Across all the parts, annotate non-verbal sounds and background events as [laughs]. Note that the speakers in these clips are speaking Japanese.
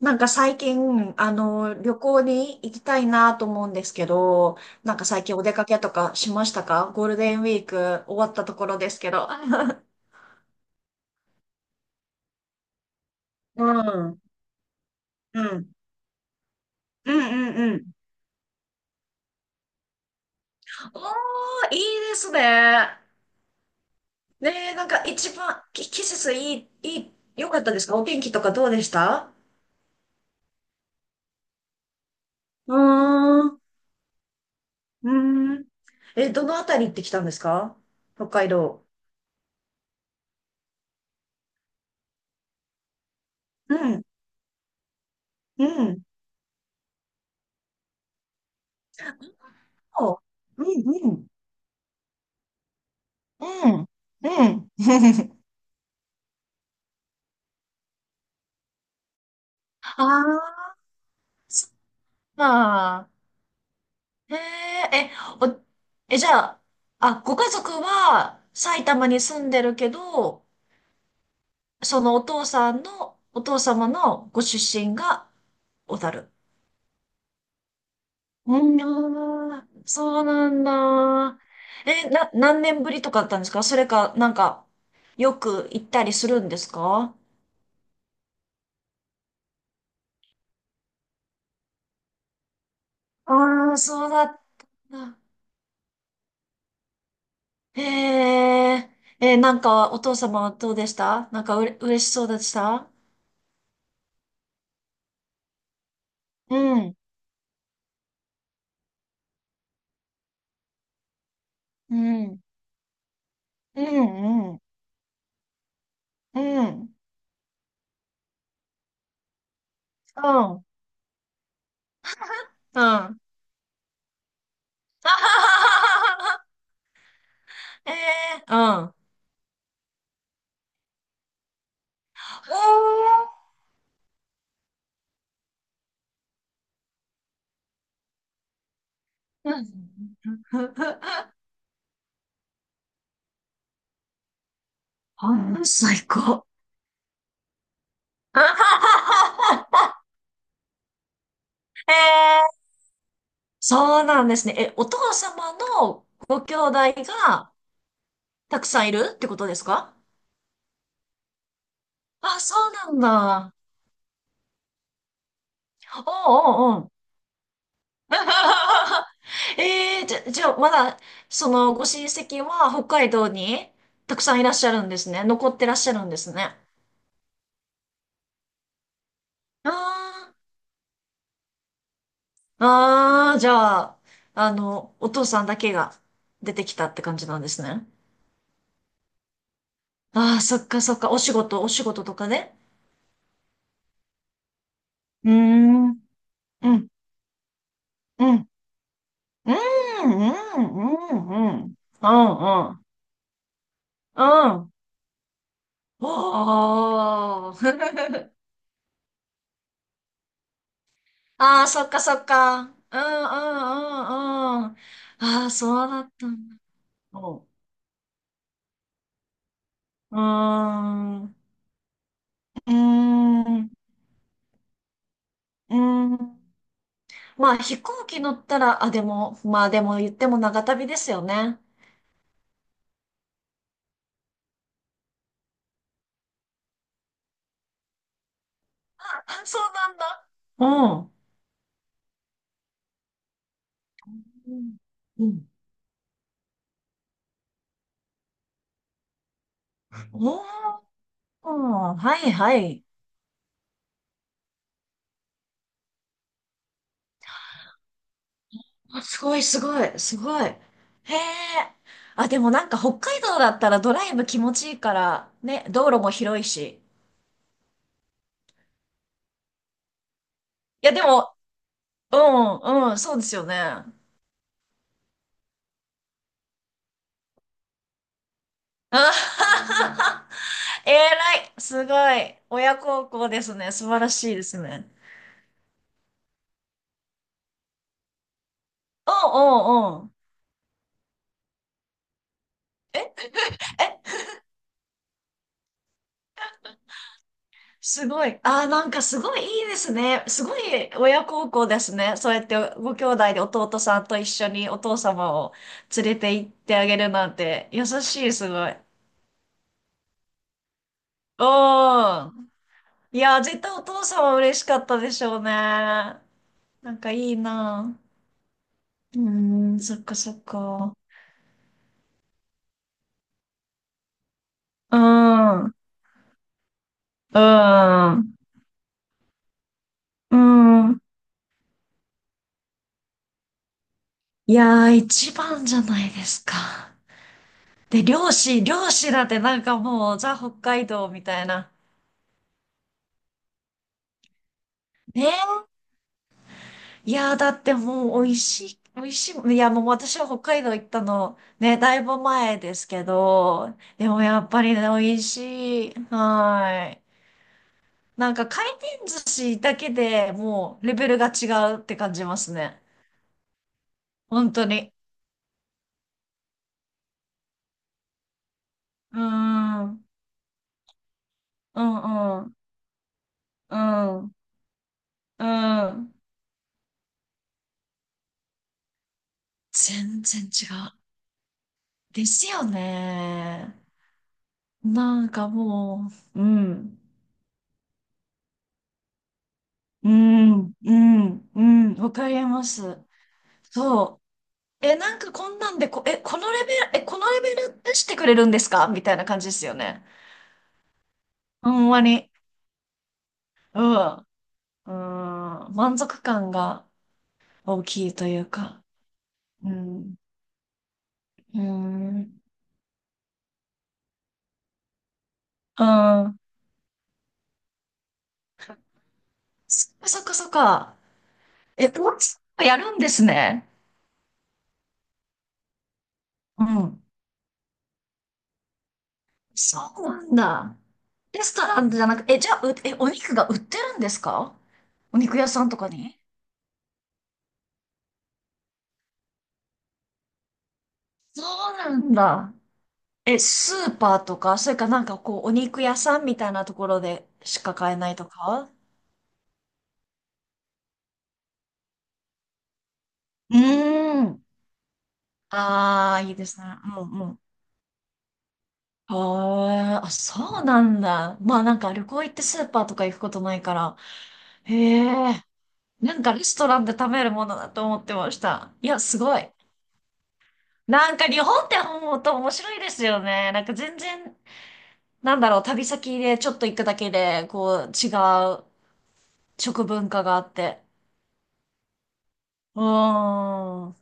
最近、旅行に行きたいなと思うんですけど、最近お出かけとかしましたか？ゴールデンウィーク終わったところですけど。[laughs] うん、うん、うんうんうん。おー、いいですね。ねえ、一番、季節いい、いい、良かったですか？お天気とかどうでした？うーん、うーん。え、どのあたり行ってきたんですか？北海道。うん、うん。お、うん、うん。うん。うん。[laughs] ああ、そっか。へえ、え、お、え、じゃあ、あ、ご家族は埼玉に住んでるけど、そのお父さんの、お父様のご出身が小樽。うん、あーそうなんだ。え、何年ぶりとかだったんですか？それか、よく行ったりするんですか？ああー、そうだった。へえ、えー、お父様はどうでした？なんかうれ、嬉しそうでした？うん、うん、うん、うん、うん、うん、うん、[laughs] ええ、はうん。[laughs] えーうん [laughs] ほんの最高。[laughs] ええ、そうなんですね。え、お父様のご兄弟がたくさんいるってことですか？あ、そうなんだ。おうおうおう [laughs] ええ、じゃあ、まだ、その、ご親戚は北海道にたくさんいらっしゃるんですね。残ってらっしゃるんですね。ああ、ああ、じゃあ、お父さんだけが出てきたって感じなんですね。ああ、そっかそっか。お仕事、お仕事とかね。うーん、うん、うん、うん、うん、うん、うん、うん、うん、うん。おー。[laughs] ああ、そっかそっか。うんうんうんうん。ああ、そうだったんだ。おう。ーん。うーん。うーん。まあ、飛行機乗ったら、あ、でも、まあでも言っても長旅ですよね。あ、あそうなんだ。うん。うん。おー、はいはい。あ、すごいすごい、すごい。へえ。あ、でも北海道だったらドライブ気持ちいいから、ね、道路も広いし。いやでも、うん、うん、そうですよね。あはははえらい、すごい。親孝行ですね。素晴らしいですね。うんうんうん。え、すごい。あー、すごいいいですね。すごい親孝行ですね。そうやってご兄弟で弟さんと一緒にお父様を連れて行ってあげるなんて優しい、すごい。うん。いや絶対お父様嬉しかったでしょうね。いいな。うーん、そっかそっか。うん、うん、うん。いやー、一番じゃないですか。で、漁師、漁師だってもう、ザ・北海道みたいな。ねえ。いやー、だってもう、美味しい、美味しい。いや、もう私は北海道行ったの、ね、だいぶ前ですけど、でもやっぱりね、美味しい。はい。回転寿司だけでもう、レベルが違うって感じますね。本当に。うーん、うん、うん、うん。うん。全然違う。ですよね。なんかもう、うん。うん、うん、うん、わかります。そう。え、なんかこんなんでこ、え、このレベル、え、このレベル出してくれるんですかみたいな感じですよね。ほんまに。うん。うん。満足感が大きいというか。うん。うん。うん。そっかそっかそっか。え、もうやるんですね。うん。そうなんだ。レストランじゃなく、え、じゃあ、え、お肉が売ってるんですか？お肉屋さんとかに？そうなんだ。え、スーパーとか、それかこう、お肉屋さんみたいなところでしか買えないとか？うーん。ああ、いいですね。うんうん。あーあ、そうなんだ。まあ旅行行ってスーパーとか行くことないから。へえ。レストランで食べるものだと思ってました。いや、すごい。日本って本当面白いですよね。なんか全然、なんだろう、旅先でちょっと行くだけで、こう、違う食文化があって。うーん。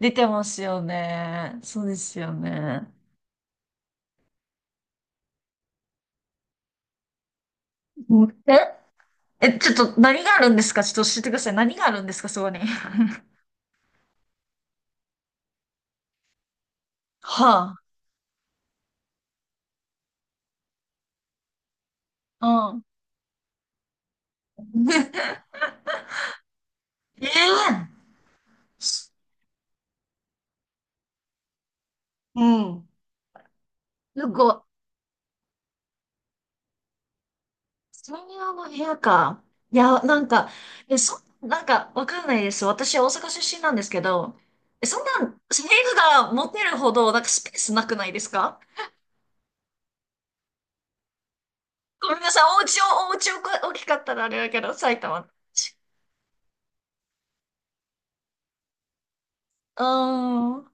出てますよね。そうですよね。うんえ、え、ちょっと何があるんですか？ちょっと教えてください。何があるんですかそこに？[laughs] はあ。うん。[laughs] ええうん。すごい。専用の部屋か。いや、え、なんか、わかんないです。私、大阪出身なんですけど、え、そんな、部屋が持てるほど、スペースなくないですか？ごめんなさい、お家を、お家をこ大きかったらあれだけど、埼玉の家。うーん、うん、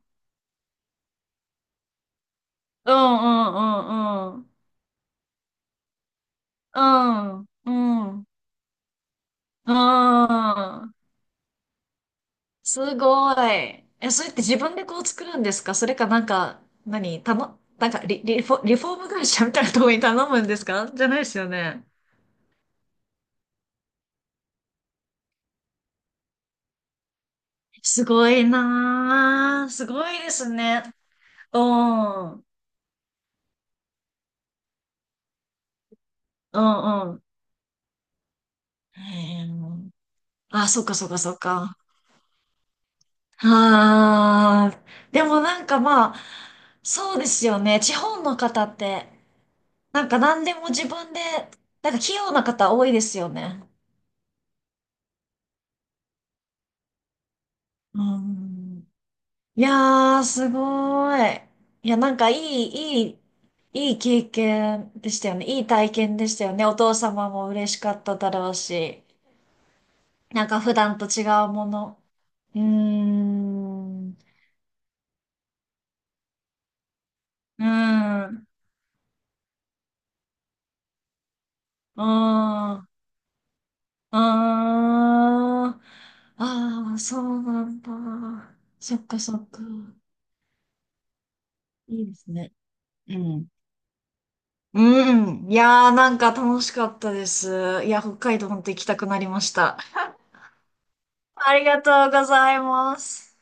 うん、うん、うん、うん、うん、うん。すごい。え、それって自分でこう作るんですか？それかなんか、何頼、なんかリ、リフォ、リフォーム会社みたいなところに頼むんですか？じゃないですよね。すごいなー。すごいですね。うん。うんうん。へーあ、そっかそっかそっか。あー。でもまあ、そうですよね。地方の方って、なんか何でも自分で、なんか器用な方多いですよね。うん。いやー、すごい。いや、いい経験でしたよね。いい体験でしたよね。お父様も嬉しかっただろうし。なんか普段と違うもの。うーん。うーん。うーん。うーん。ああ、そうなんだ。そっかそっか。いいですね。うん。うん。いやー、なんか楽しかったです。いや、北海道本当行きたくなりました。ありがとうございます。